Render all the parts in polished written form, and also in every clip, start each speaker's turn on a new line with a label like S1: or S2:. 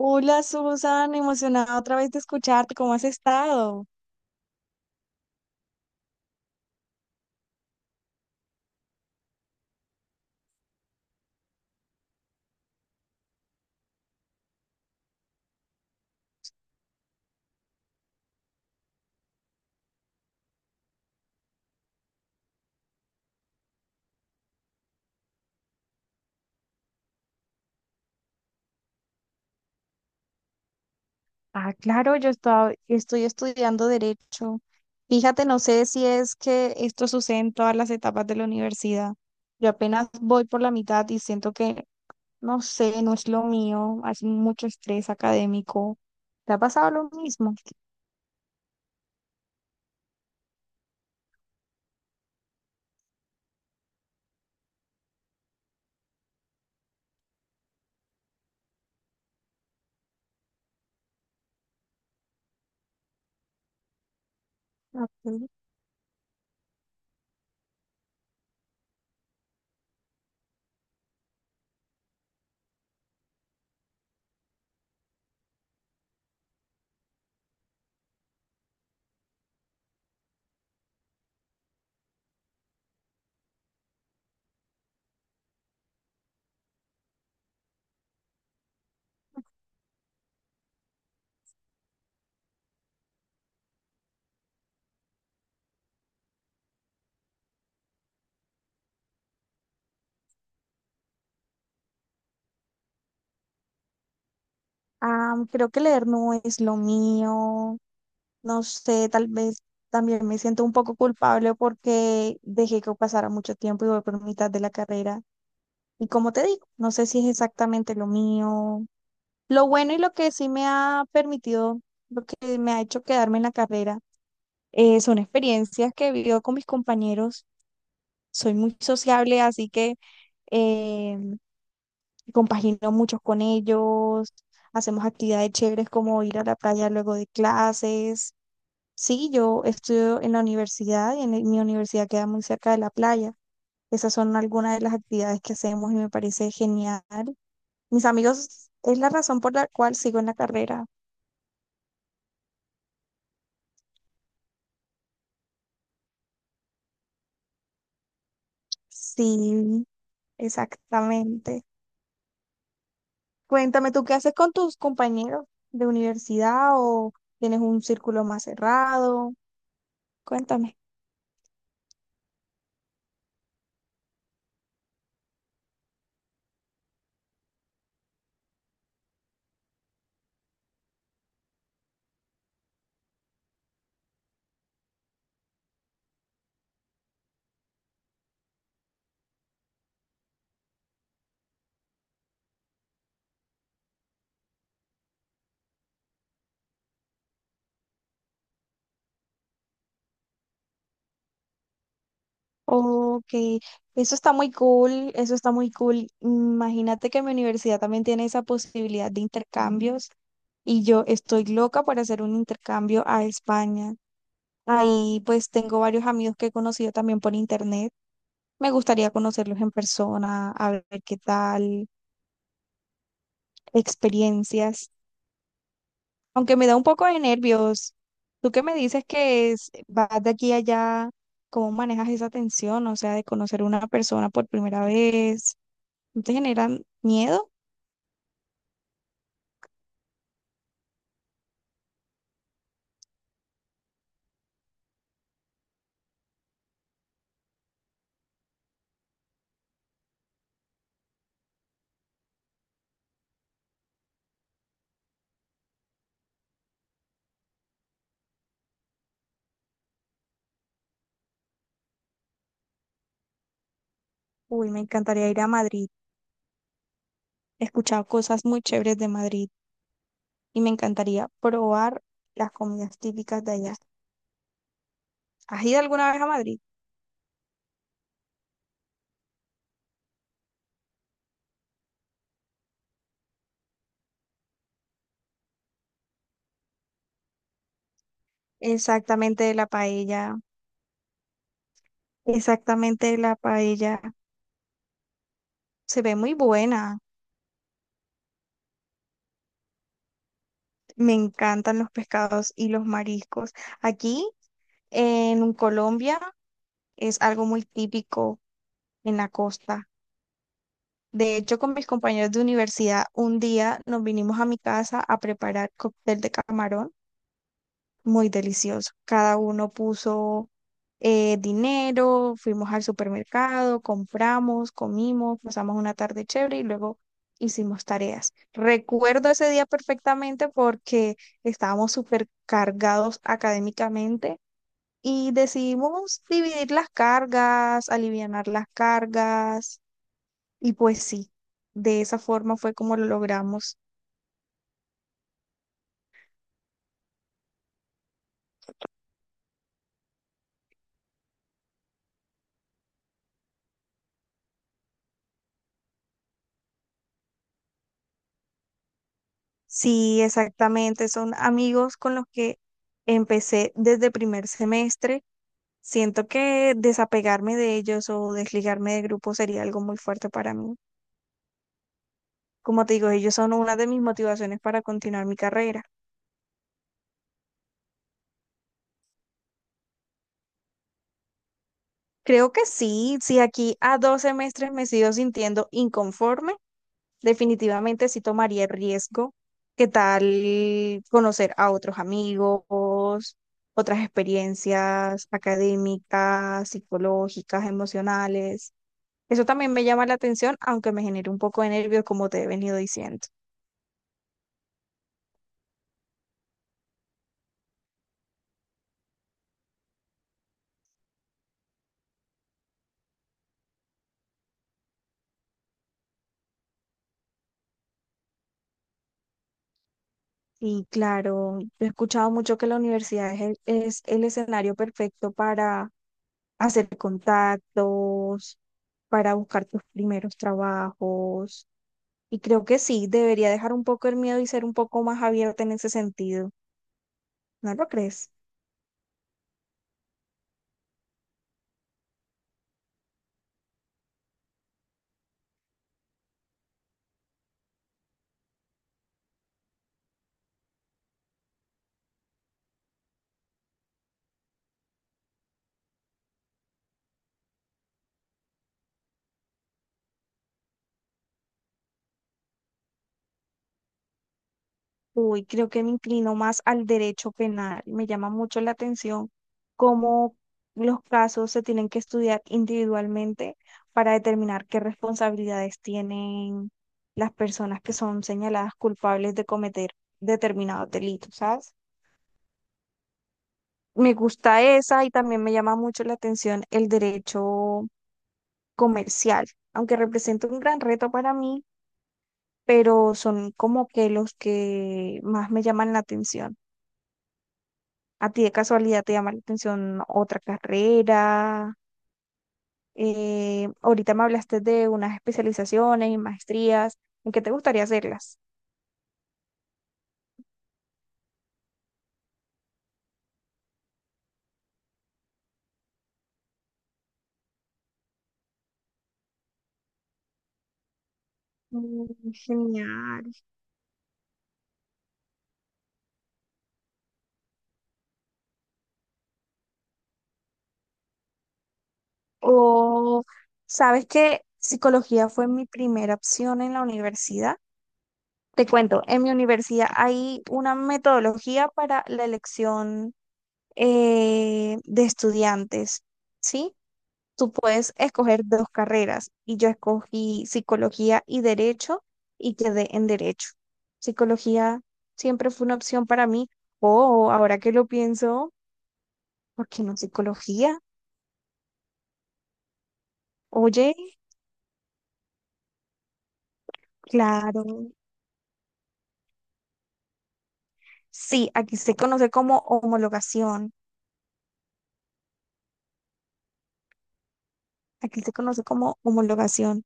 S1: Hola Susan, emocionada otra vez de escucharte. ¿Cómo has estado? Ah, claro, estoy estudiando derecho. Fíjate, no sé si es que esto sucede en todas las etapas de la universidad. Yo apenas voy por la mitad y siento que, no sé, no es lo mío. Hay mucho estrés académico. ¿Te ha pasado lo mismo? Ok. Ah, creo que leer no es lo mío. No sé, tal vez también me siento un poco culpable porque dejé que pasara mucho tiempo y voy por mitad de la carrera. Y como te digo, no sé si es exactamente lo mío. Lo bueno y lo que sí me ha permitido, lo que me ha hecho quedarme en la carrera, son experiencias que he vivido con mis compañeros. Soy muy sociable, así que eh, compagino muchos con ellos. Hacemos actividades chéveres como ir a la playa luego de clases. Sí, yo estudio en la universidad y mi universidad queda muy cerca de la playa. Esas son algunas de las actividades que hacemos y me parece genial. Mis amigos, es la razón por la cual sigo en la carrera. Sí, exactamente. Cuéntame, ¿tú qué haces con tus compañeros de universidad o tienes un círculo más cerrado? Cuéntame. Ok, eso está muy cool, eso está muy cool. Imagínate que mi universidad también tiene esa posibilidad de intercambios. Y yo estoy loca por hacer un intercambio a España. Ahí pues tengo varios amigos que he conocido también por internet. Me gustaría conocerlos en persona, a ver qué tal, experiencias, aunque me da un poco de nervios. ¿Tú qué me dices que es, vas de aquí a allá? ¿Cómo manejas esa tensión? O sea, de conocer a una persona por primera vez. ¿No te generan miedo? Uy, me encantaría ir a Madrid. He escuchado cosas muy chéveres de Madrid. Y me encantaría probar las comidas típicas de allá. ¿Has ido alguna vez a Madrid? Exactamente la paella, exactamente la paella. Se ve muy buena. Me encantan los pescados y los mariscos. Aquí en Colombia es algo muy típico en la costa. De hecho, con mis compañeros de universidad, un día nos vinimos a mi casa a preparar cóctel de camarón muy delicioso. Cada uno puso dinero, fuimos al supermercado, compramos, comimos, pasamos una tarde chévere y luego hicimos tareas. Recuerdo ese día perfectamente porque estábamos súper cargados académicamente y decidimos dividir las cargas, alivianar las cargas y pues sí, de esa forma fue como lo logramos. Sí, exactamente. Son amigos con los que empecé desde primer semestre. Siento que desapegarme de ellos o desligarme del grupo sería algo muy fuerte para mí. Como te digo, ellos son una de mis motivaciones para continuar mi carrera. Creo que sí, si aquí a 2 semestres me sigo sintiendo inconforme. Definitivamente sí tomaría el riesgo. ¿Qué tal conocer a otros amigos, otras experiencias académicas, psicológicas, emocionales? Eso también me llama la atención, aunque me genere un poco de nervios, como te he venido diciendo. Y claro, he escuchado mucho que la universidad es el escenario perfecto para hacer contactos, para buscar tus primeros trabajos. Y creo que sí, debería dejar un poco el miedo y ser un poco más abierta en ese sentido. ¿No lo crees? Uy, creo que me inclino más al derecho penal. Me llama mucho la atención cómo los casos se tienen que estudiar individualmente para determinar qué responsabilidades tienen las personas que son señaladas culpables de cometer determinados delitos, ¿sabes? Me gusta esa y también me llama mucho la atención el derecho comercial, aunque representa un gran reto para mí, pero son como que los que más me llaman la atención. ¿A ti de casualidad te llama la atención otra carrera? Ahorita me hablaste de unas especializaciones y maestrías. ¿En qué te gustaría hacerlas? Mm. Genial. O, ¿sabes que psicología fue mi primera opción en la universidad? Te cuento, en mi universidad hay una metodología para la elección de estudiantes, ¿sí? Tú puedes escoger 2 carreras y yo escogí psicología y derecho y quedé en derecho. Psicología siempre fue una opción para mí. Oh, ahora que lo pienso, ¿por qué no psicología? Oye, claro. Sí, aquí se conoce como homologación. Aquí se conoce como homologación.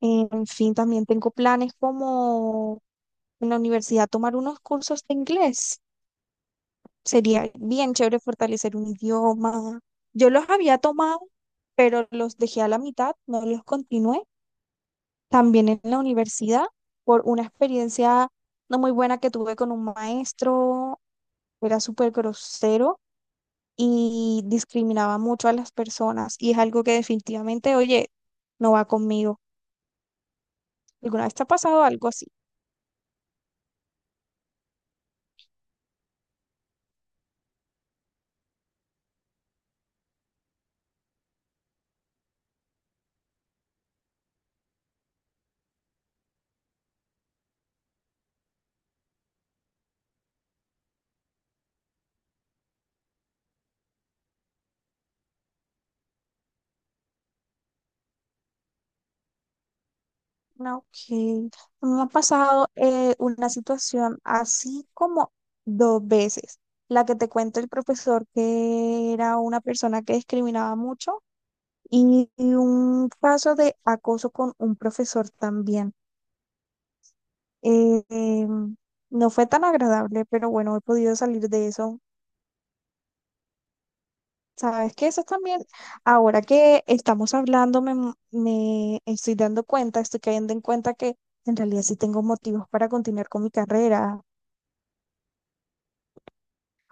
S1: En fin, también tengo planes como en la universidad tomar unos cursos de inglés. Sería bien chévere fortalecer un idioma. Yo los había tomado, pero los dejé a la mitad, no los continué. También en la universidad, por una experiencia no muy buena que tuve con un maestro, era súper grosero y discriminaba mucho a las personas. Y es algo que definitivamente, oye, no va conmigo. ¿Alguna vez te ha pasado algo así? Ah, ok. Me ha pasado una situación así como 2 veces. La que te cuenta el profesor, que era una persona que discriminaba mucho, y un caso de acoso con un profesor también. Eh, em, no fue tan agradable, pero bueno, he podido salir de eso. Sabes que eso también, ahora que estamos hablando, me estoy dando cuenta, estoy cayendo en cuenta que en realidad sí tengo motivos para continuar con mi carrera.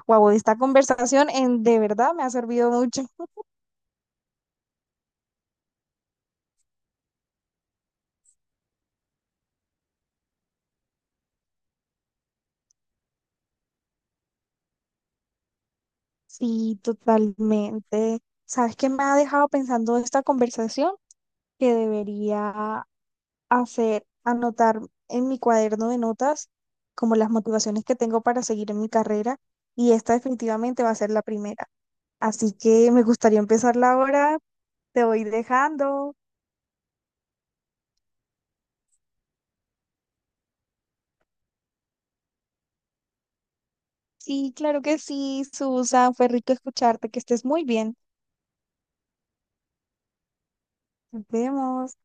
S1: Wow, esta conversación en de verdad me ha servido mucho. Sí, totalmente. ¿Sabes qué me ha dejado pensando esta conversación? Que debería hacer, anotar en mi cuaderno de notas como las motivaciones que tengo para seguir en mi carrera y esta definitivamente va a ser la primera. Así que me gustaría empezarla ahora. Te voy dejando. Sí, claro que sí, Susan. Fue rico escucharte. Que estés muy bien. Nos vemos.